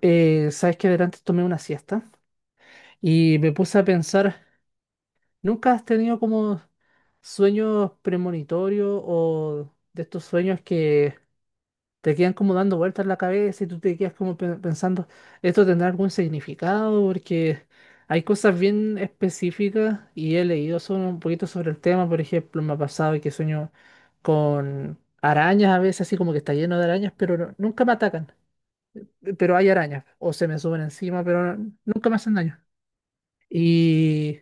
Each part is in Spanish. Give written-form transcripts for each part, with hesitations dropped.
Sabes que adelante tomé una siesta y me puse a pensar, ¿nunca has tenido como sueños premonitorios o de estos sueños que te quedan como dando vueltas en la cabeza y tú te quedas como pensando, ¿esto tendrá algún significado? Porque hay cosas bien específicas y he leído un poquito sobre el tema, por ejemplo, me ha pasado que sueño con arañas a veces, así como que está lleno de arañas, pero nunca me atacan, pero hay arañas, o se me suben encima, pero nunca me hacen daño. Y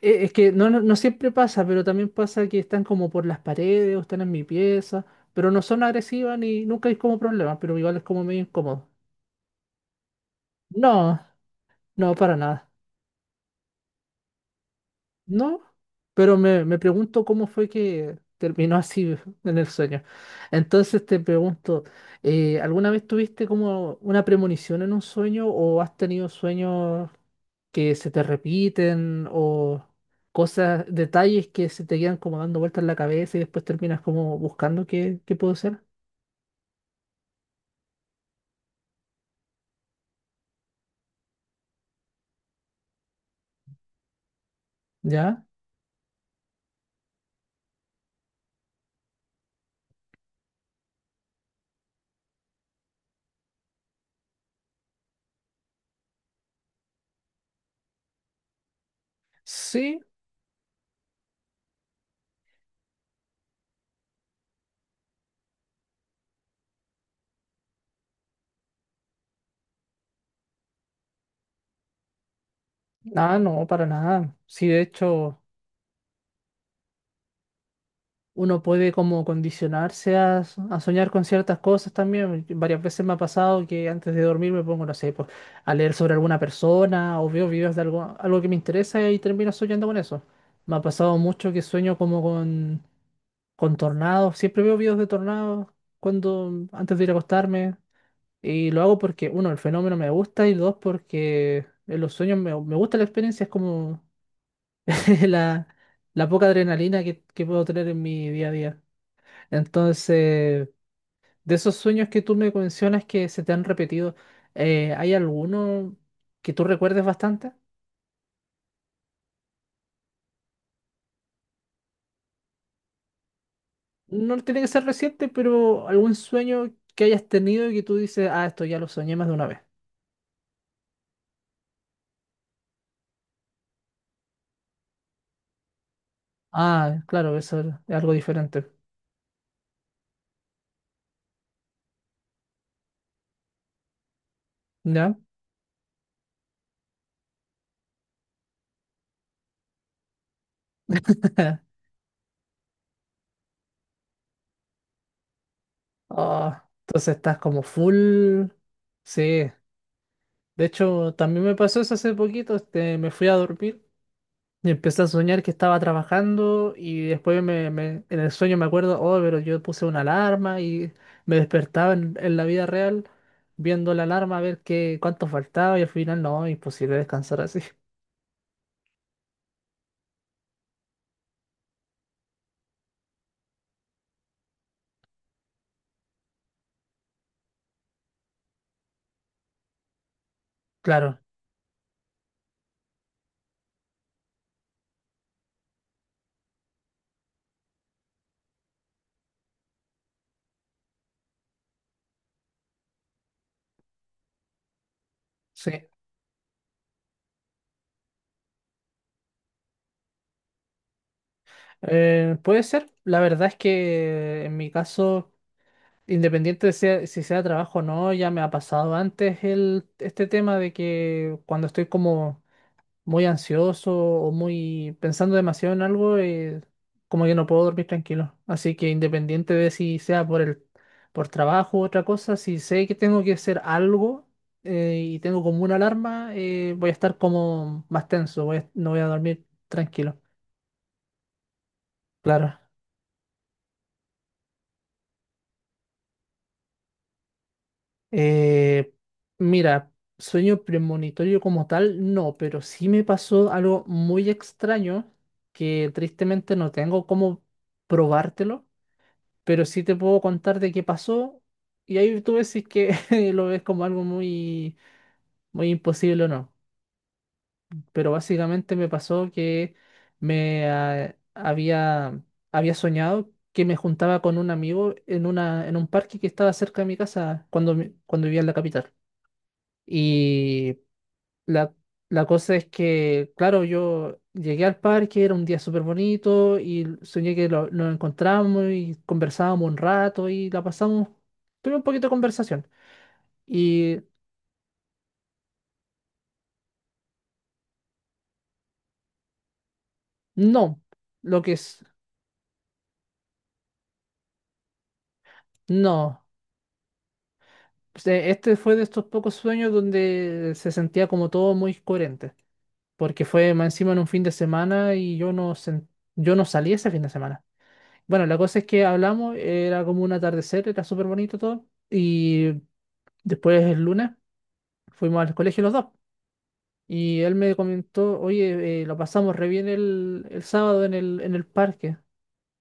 es que no siempre pasa, pero también pasa que están como por las paredes o están en mi pieza, pero no son agresivas ni nunca hay como problemas, pero igual es como medio incómodo. No, no, para nada. No, pero me pregunto cómo fue que terminó así en el sueño. Entonces te pregunto, ¿alguna vez tuviste como una premonición en un sueño o has tenido sueños que se te repiten o cosas, detalles que se te quedan como dando vueltas en la cabeza y después terminas como buscando qué puede ser? ¿Ya? Sí, ah, no, para nada. Sí, de hecho, uno puede como condicionarse a soñar con ciertas cosas también. Varias veces me ha pasado que antes de dormir me pongo, no sé, pues, a leer sobre alguna persona o veo videos de algo, algo que me interesa y termino soñando con eso. Me ha pasado mucho que sueño con tornados. Siempre veo videos de tornados antes de ir a acostarme. Y lo hago porque, uno, el fenómeno me gusta y dos, porque en los sueños me gusta la experiencia. Es como la, la poca adrenalina que puedo tener en mi día a día. Entonces, de esos sueños que tú me mencionas que se te han repetido, ¿hay alguno que tú recuerdes bastante? No tiene que ser reciente, pero algún sueño que hayas tenido y que tú dices, ah, esto ya lo soñé más de una vez. Ah, claro, eso es algo diferente. ¿Ya? Oh, entonces estás como full. Sí. De hecho, también me pasó eso hace poquito. Este, me fui a dormir. Y empecé a soñar que estaba trabajando y después en el sueño me acuerdo, oh, pero yo puse una alarma y me despertaba en la vida real viendo la alarma a ver cuánto faltaba y al final no, imposible descansar así. Claro, sí. Puede ser. La verdad es que en mi caso, independiente de si sea trabajo o no, ya me ha pasado antes este tema de que cuando estoy como muy ansioso o muy pensando demasiado en algo, como que no puedo dormir tranquilo. Así que independiente de si sea por por trabajo u otra cosa, si sé que tengo que hacer algo y tengo como una alarma, voy a estar como más tenso, no voy a dormir tranquilo. Claro. Eh, mira, sueño premonitorio como tal, no, pero sí me pasó algo muy extraño que tristemente no tengo cómo probártelo, pero sí te puedo contar de qué pasó y ahí tú ves si es que lo ves como algo muy imposible o no. Pero básicamente me pasó que me ah, había, había soñado que me juntaba con un amigo en un parque que estaba cerca de mi casa cuando vivía en la capital. Y la, la cosa es que, claro, yo llegué al parque, era un día súper bonito y soñé que nos encontramos y conversábamos un rato y la pasamos, tuve un poquito de conversación. Y no, lo que es, no. Este fue de estos pocos sueños donde se sentía como todo muy coherente, porque fue más encima en un fin de semana y yo no salí ese fin de semana. Bueno, la cosa es que hablamos, era como un atardecer, era súper bonito todo. Y después el lunes fuimos al colegio los dos. Y él me comentó, oye, lo pasamos re bien el sábado en en el parque.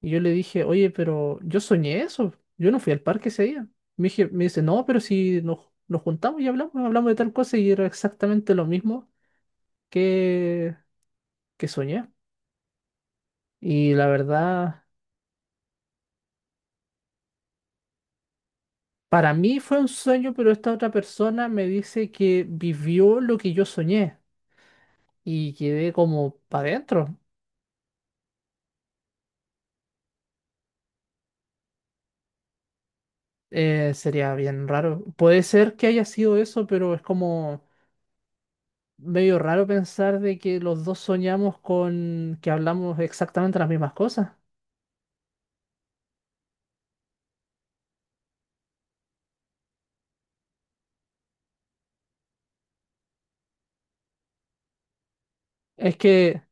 Y yo le dije, oye, pero yo soñé eso. Yo no fui al parque ese día. Me dice, no, pero si nos juntamos y hablamos, hablamos de tal cosa y era exactamente lo mismo que, que soñé. Y la verdad, para mí fue un sueño, pero esta otra persona me dice que vivió lo que yo soñé. Y quedé como para adentro. Sería bien raro. Puede ser que haya sido eso, pero es como medio raro pensar de que los dos soñamos con que hablamos exactamente las mismas cosas. Es que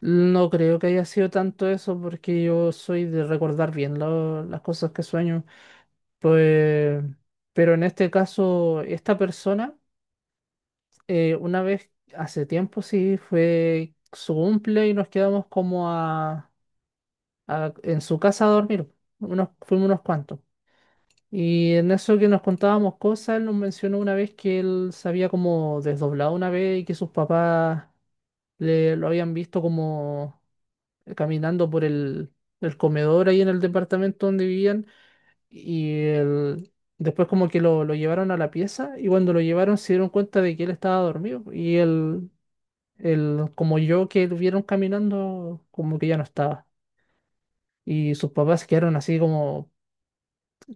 no creo que haya sido tanto eso porque yo soy de recordar bien las cosas que sueño. Pues, pero en este caso, esta persona, una vez hace tiempo, sí, fue su cumple y nos quedamos como en su casa a dormir. Unos, fuimos unos cuantos. Y en eso que nos contábamos cosas, él nos mencionó una vez que él se había como desdoblado una vez y que sus papás lo habían visto como caminando por el comedor ahí en el departamento donde vivían y después como que lo llevaron a la pieza y cuando lo llevaron se dieron cuenta de que él estaba dormido y él como yo que lo vieron caminando como que ya no estaba. Y sus papás quedaron así como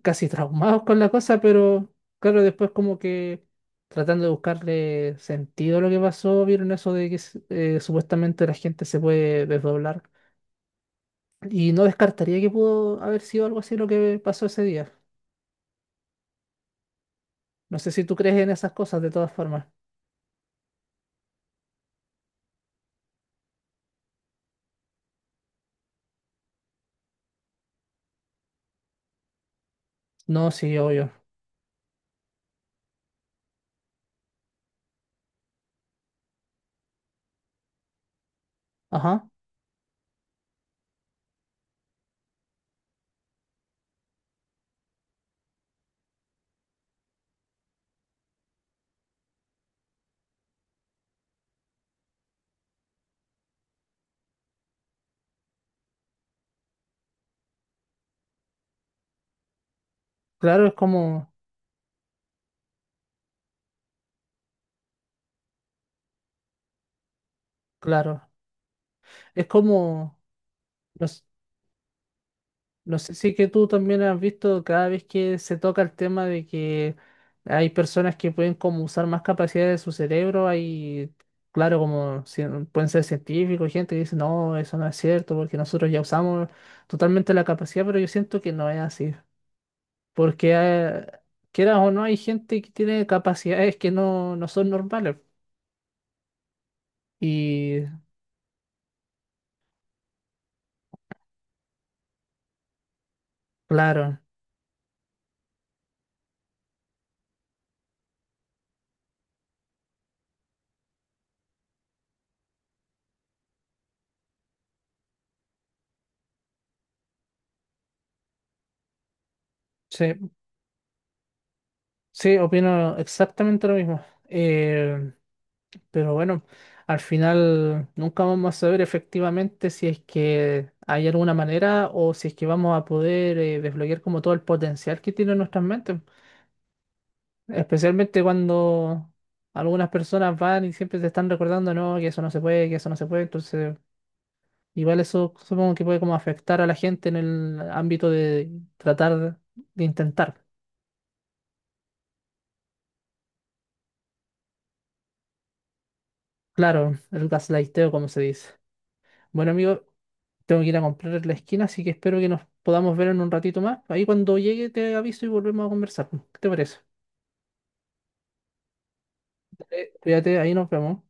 casi traumados con la cosa, pero claro, después como que tratando de buscarle sentido a lo que pasó, vieron eso de que supuestamente la gente se puede desdoblar. Y no descartaría que pudo haber sido algo así lo que pasó ese día. No sé si tú crees en esas cosas de todas formas. No, sí, obvio. Ajá. Claro, es como, claro. Es como, no, no sé si que tú también has visto cada vez que se toca el tema de que hay personas que pueden como usar más capacidades de su cerebro, hay, claro, como pueden ser científicos, gente que dice, no, eso no es cierto, porque nosotros ya usamos totalmente la capacidad, pero yo siento que no es así, porque quieras o no, hay gente que tiene capacidades que no son normales. Y claro, sí, sí, opino exactamente lo mismo. eh, Pero bueno, al final nunca vamos a saber efectivamente si es que hay alguna manera o si es que vamos a poder desbloquear como todo el potencial que tiene en nuestras mentes. Especialmente cuando algunas personas van y siempre te están recordando, no, que eso no se puede, que eso no se puede. Entonces, igual eso supongo que puede como afectar a la gente en el ámbito de tratar de intentar. Claro, el gaslighteo, como se dice. Bueno, amigo, tengo que ir a comprar en la esquina, así que espero que nos podamos ver en un ratito más. Ahí cuando llegue te aviso y volvemos a conversar. ¿Qué te parece? Cuídate, ahí nos vemos.